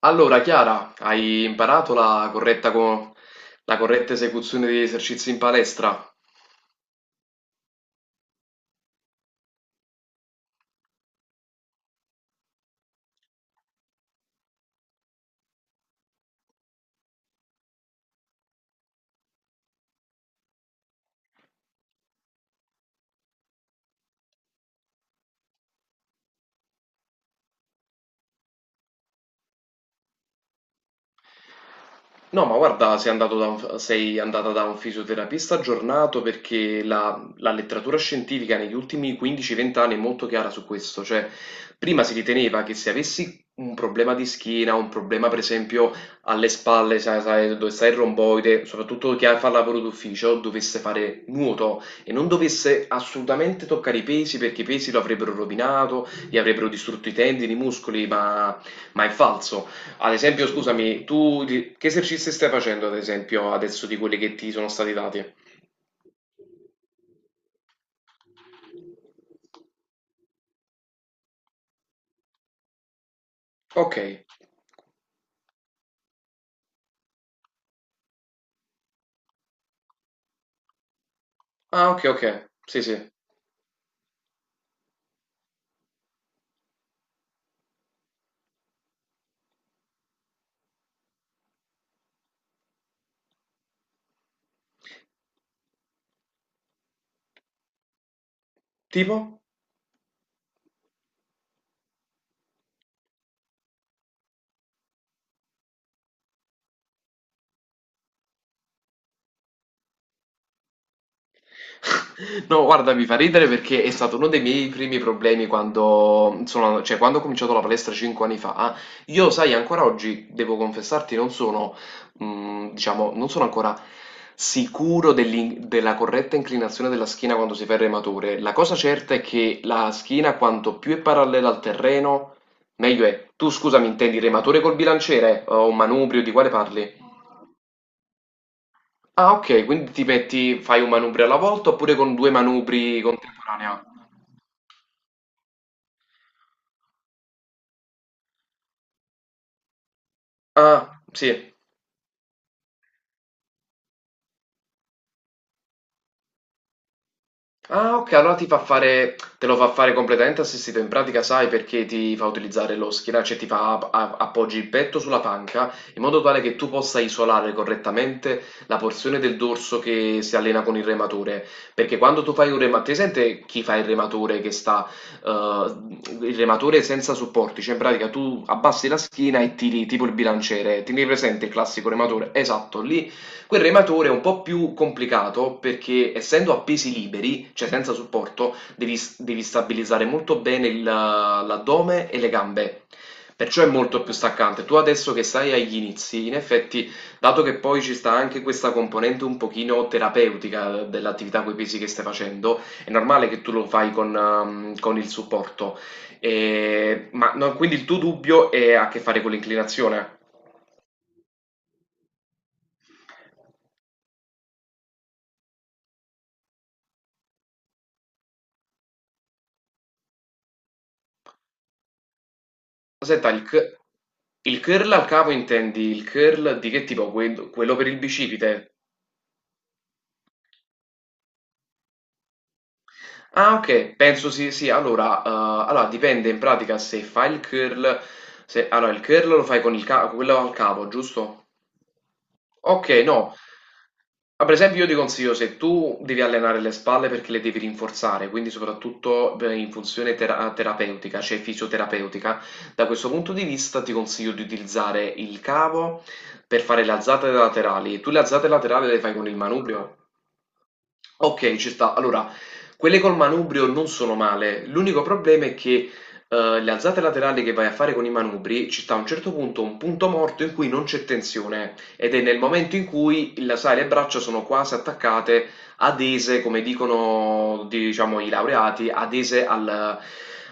Allora, Chiara, hai imparato la corretta, la corretta esecuzione degli esercizi in palestra? No, ma guarda, sei andata da un fisioterapista aggiornato perché la letteratura scientifica negli ultimi 15-20 anni è molto chiara su questo. Cioè, prima si riteneva che se avessi un problema di schiena, un problema per esempio alle spalle, sai dove sta il romboide, soprattutto chi fa lavoro d'ufficio, dovesse fare nuoto e non dovesse assolutamente toccare i pesi perché i pesi lo avrebbero rovinato, gli avrebbero distrutto i tendini, i muscoli, ma è falso. Ad esempio, scusami, che esercizi stai facendo, ad esempio, adesso di quelli che ti sono stati dati? Ok. Ah, ok, ok. Sì, sì. Tipo? No, guarda, mi fa ridere perché è stato uno dei miei primi problemi quando, sono, cioè, quando ho cominciato la palestra 5 anni fa. Io, sai, ancora oggi, devo confessarti, non sono, diciamo, non sono ancora sicuro della corretta inclinazione della schiena quando si fa il rematore. La cosa certa è che la schiena, quanto più è parallela al terreno, meglio è. Tu, scusami, intendi rematore col bilanciere o manubrio, di quale parli? Ah ok, quindi ti metti, fai un manubrio alla volta oppure con due manubri contemporanea? Ah, sì. Ah ok, allora ti fa fare, te lo fa fare completamente assistito, in pratica sai perché ti fa utilizzare lo schienaccio e ti fa appoggi il petto sulla panca in modo tale che tu possa isolare correttamente la porzione del dorso che si allena con il rematore, perché quando tu fai un rematore, ti sente chi fa il rematore che sta, eh, il rematore senza supporti, cioè in pratica tu abbassi la schiena e tiri tipo il bilanciere, tieni presente il classico rematore? Esatto, lì quel rematore è un po' più complicato perché essendo a pesi liberi, cioè senza supporto, devi stabilizzare molto bene l'addome e le gambe. Perciò è molto più staccante. Tu adesso che stai agli inizi, in effetti, dato che poi ci sta anche questa componente un pochino terapeutica dell'attività con i pesi che stai facendo, è normale che tu lo fai con il supporto. Ma no, quindi il tuo dubbio è a che fare con l'inclinazione? Senta, il curl al capo intendi il curl di che tipo? Quello per il bicipite? Ah, ok, penso sì, sì. Allora, allora, dipende in pratica se fai il curl, se, allora il curl lo fai con il quello al capo, giusto? Okay, no. Ah, per esempio io ti consiglio se tu devi allenare le spalle perché le devi rinforzare, quindi soprattutto per in funzione terapeutica, cioè fisioterapeutica, da questo punto di vista ti consiglio di utilizzare il cavo per fare le alzate laterali. Tu le alzate laterali le fai con il manubrio? Okay, ci sta. Allora, quelle col manubrio non sono male. L'unico problema è che, le alzate laterali che vai a fare con i manubri, ci sta a un certo punto un punto morto in cui non c'è tensione ed è nel momento in cui sai, le braccia sono quasi attaccate, adese, come dicono, diciamo, i laureati, adese al,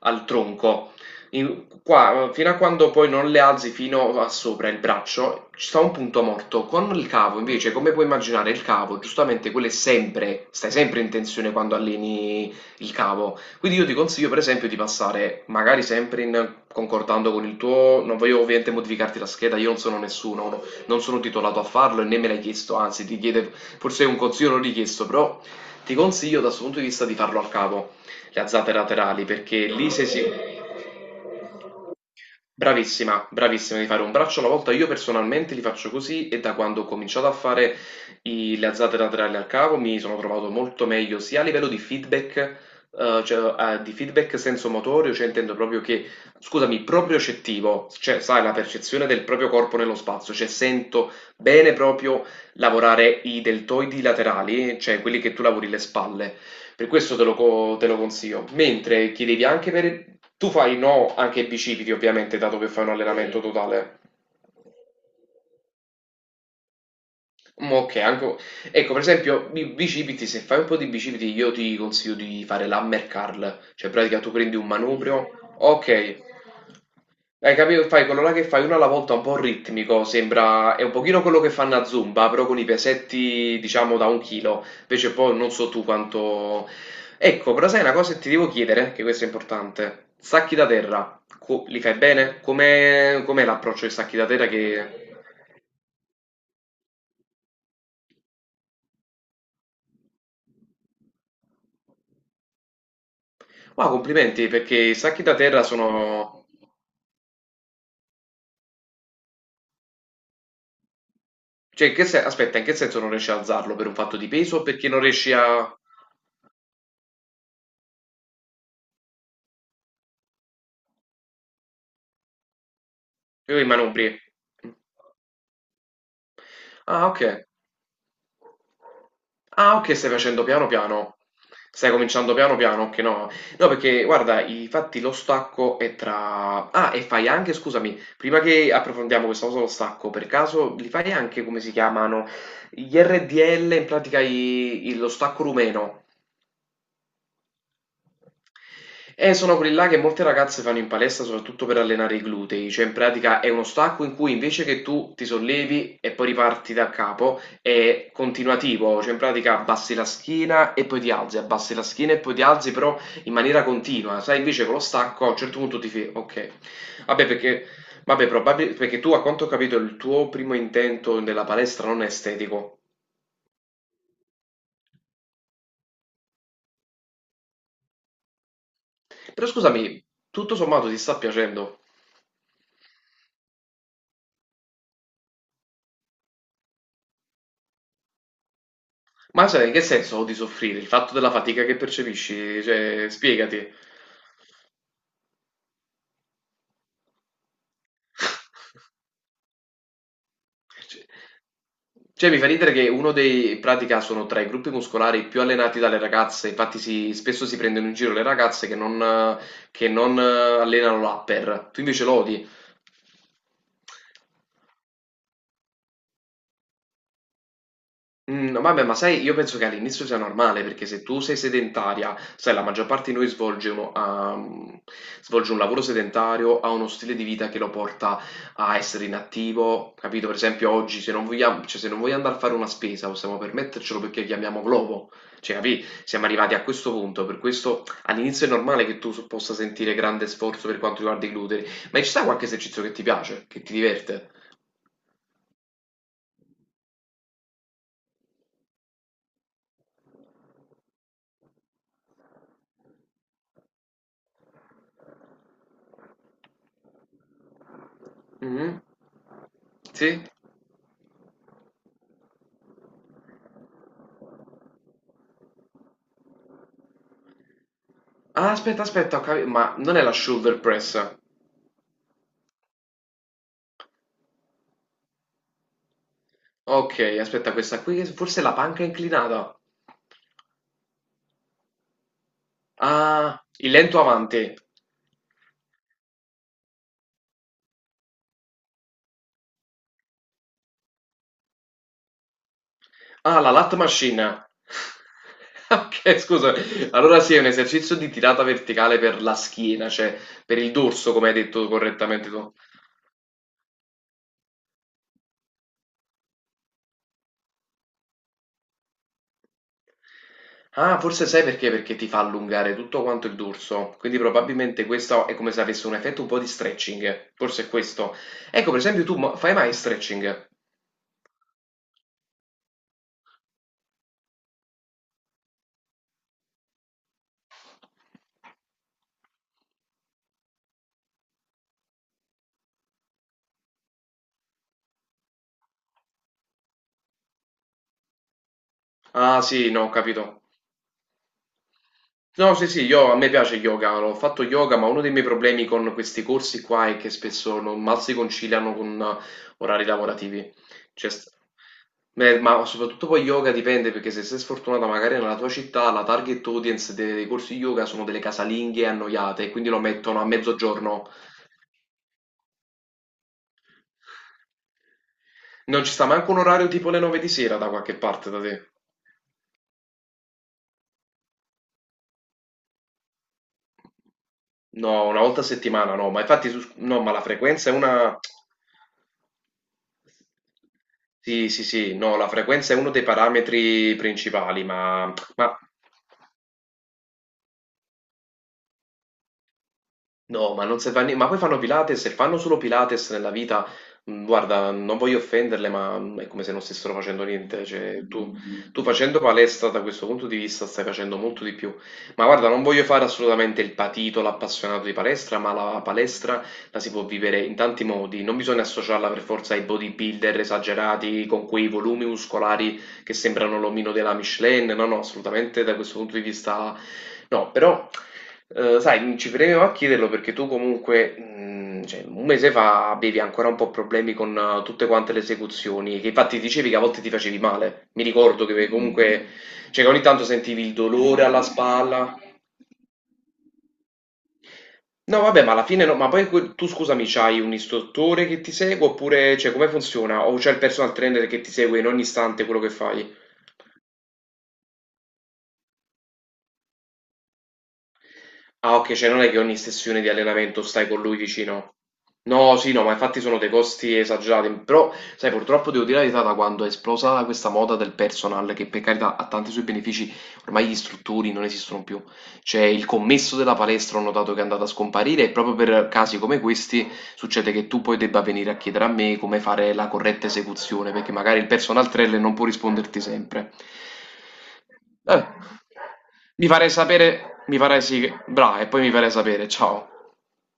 al tronco. Qua, fino a quando poi non le alzi fino a sopra il braccio, ci sta un punto morto. Con il cavo, invece, come puoi immaginare, il cavo, giustamente, quello è sempre, stai sempre in tensione quando alleni il cavo. Quindi io ti consiglio, per esempio, di passare, magari sempre in, concordando con il tuo, non voglio ovviamente modificarti la scheda, io non sono nessuno, non sono titolato a farlo e né me l'hai chiesto, anzi ti chiede forse un consiglio non richiesto, però ti consiglio da questo punto di vista di farlo al capo, le azzate laterali, perché lì sei, bravissima, bravissima, devi fare un braccio alla volta. Io personalmente li faccio così e da quando ho cominciato a fare le alzate laterali al cavo mi sono trovato molto meglio sia a livello di feedback, di feedback senso motorio, cioè intendo proprio che, scusami, propriocettivo, cioè sai, la percezione del proprio corpo nello spazio, cioè sento bene proprio lavorare i deltoidi laterali, cioè quelli che tu lavori le spalle. Per questo te lo consiglio. Mentre chiedevi anche per... Tu fai no anche ai bicipiti, ovviamente, dato che fai un allenamento sì, totale. Mm, ok, anche... Ecco, per esempio, i bicipiti, se fai un po' di bicipiti, io ti consiglio di fare l'hammer curl. Cioè, in pratica, tu prendi un manubrio. Ok, hai capito? Fai quello là che fai uno alla volta un po' ritmico, sembra, è un pochino quello che fanno a Zumba, però con i pesetti, diciamo, da un chilo. Invece poi non so tu quanto... Ecco, però sai una cosa che ti devo chiedere, che questo è importante. Sacchi da terra, li fai bene? Com'è l'approccio ai sacchi da terra che... Wow, complimenti, perché i sacchi da terra sono... Cioè, in che se- aspetta, in che senso non riesci a alzarlo? Per un fatto di peso o perché non riesci a... Io i manubri. Ah, ok. Ah, ok, stai facendo piano piano. Stai cominciando piano piano, ok, no. No, perché guarda, infatti lo stacco è tra... Ah, e fai anche, scusami, prima che approfondiamo questa cosa dello stacco, per caso li fai anche come si chiamano? Gli RDL, in pratica lo stacco rumeno. Sono quelli là che molte ragazze fanno in palestra soprattutto per allenare i glutei, cioè in pratica è uno stacco in cui invece che tu ti sollevi e poi riparti da capo, è continuativo, cioè in pratica abbassi la schiena e poi ti alzi, abbassi la schiena e poi ti alzi, però in maniera continua. Sai, invece con lo stacco a un certo punto ti fai, ok, vabbè perché, vabbè, perché tu a quanto ho capito il tuo primo intento nella palestra non è estetico, però scusami, tutto sommato ti sta piacendo? Ma cioè, in che senso odi soffrire? Il fatto della fatica che percepisci? Cioè, spiegati. Cioè, cioè, mi fa ridere che uno dei, in pratica, sono tra i gruppi muscolari più allenati dalle ragazze, infatti spesso si prendono in giro le ragazze che non allenano l'upper, tu invece lo odi. Mhmm, vabbè, ma sai, io penso che all'inizio sia normale, perché se tu sei sedentaria, sai la maggior parte di noi svolge uno ha svolge un lavoro sedentario, ha uno stile di vita che lo porta a essere inattivo, capito? Per esempio oggi se non vogliam cioè se non voglio andare a fare una spesa, possiamo permettercelo perché chiamiamo Glovo, cioè capì? Siamo arrivati a questo punto, per questo all'inizio è normale che tu s possa sentire grande sforzo per quanto riguarda i glutei, ma ci sta qualche esercizio che ti piace, che ti diverte? Mh-mh. Sì? Ah, aspetta, ho capito. Ma non è la shoulder press. Ok, aspetta, questa qui forse è la panca inclinata. Ah, il lento avanti. Ah, la lat machine. Ok, scusa. Allora sì, è un esercizio di tirata verticale per la schiena, cioè per il dorso, come hai detto correttamente tu. Ah, forse sai perché? Perché ti fa allungare tutto quanto il dorso. Quindi probabilmente questo è come se avesse un effetto un po' di stretching. Forse è questo. Ecco, per esempio, fai mai stretching? Ah, sì, no, ho capito. No, sì, sì, io, a me piace yoga, ho fatto yoga, ma uno dei miei problemi con questi corsi qua è che spesso non mal si conciliano con orari lavorativi. Cioè, beh, ma soprattutto poi yoga dipende, perché se sei sfortunata magari nella tua città la target audience dei corsi yoga sono delle casalinghe annoiate, e quindi lo mettono a mezzogiorno. Non ci sta manco un orario tipo le 9 di sera da qualche parte da te. No, una volta a settimana no, ma infatti su, no, ma la frequenza è una... Sì, sì, sì, no, la frequenza è uno dei parametri principali, ma no, ma non serve a nie ma poi fanno Pilates, se fanno solo Pilates nella vita, mhmm, guarda, non voglio offenderle, ma, mhmm, è come se non stessero facendo niente, cioè tu facendo palestra da questo punto di vista stai facendo molto di più. Ma guarda, non voglio fare assolutamente il patito, l'appassionato di palestra, ma la palestra la si può vivere in tanti modi, non bisogna associarla per forza ai bodybuilder esagerati, con quei volumi muscolari che sembrano l'omino della Michelin, no, no, assolutamente da questo punto di vista no, però sai, ci premeva a chiederlo perché tu comunque, cioè, un mese fa avevi ancora un po' problemi con tutte quante le esecuzioni, che infatti dicevi che a volte ti facevi male. Mi ricordo che comunque, cioè, che ogni tanto sentivi il dolore alla spalla. No, vabbè, ma alla fine no, ma poi tu scusami, c'hai un istruttore che ti segue oppure, cioè, come funziona? O c'è il personal trainer che ti segue in ogni istante quello che fai? Ah ok, cioè non è che ogni sessione di allenamento stai con lui vicino. No, sì, no, ma infatti sono dei costi esagerati. Però, sai, purtroppo devo dire la verità, da quando è esplosa questa moda del personal, che per carità ha tanti suoi benefici, ormai gli istruttori non esistono più. Cioè, il commesso della palestra ho notato che è andato a scomparire e proprio per casi come questi succede che tu poi debba venire a chiedere a me come fare la corretta esecuzione, perché magari il personal trainer non può risponderti sempre. Vabbè, mi farei sapere, mi farei sì, bravo, e poi mi farei sapere, ciao.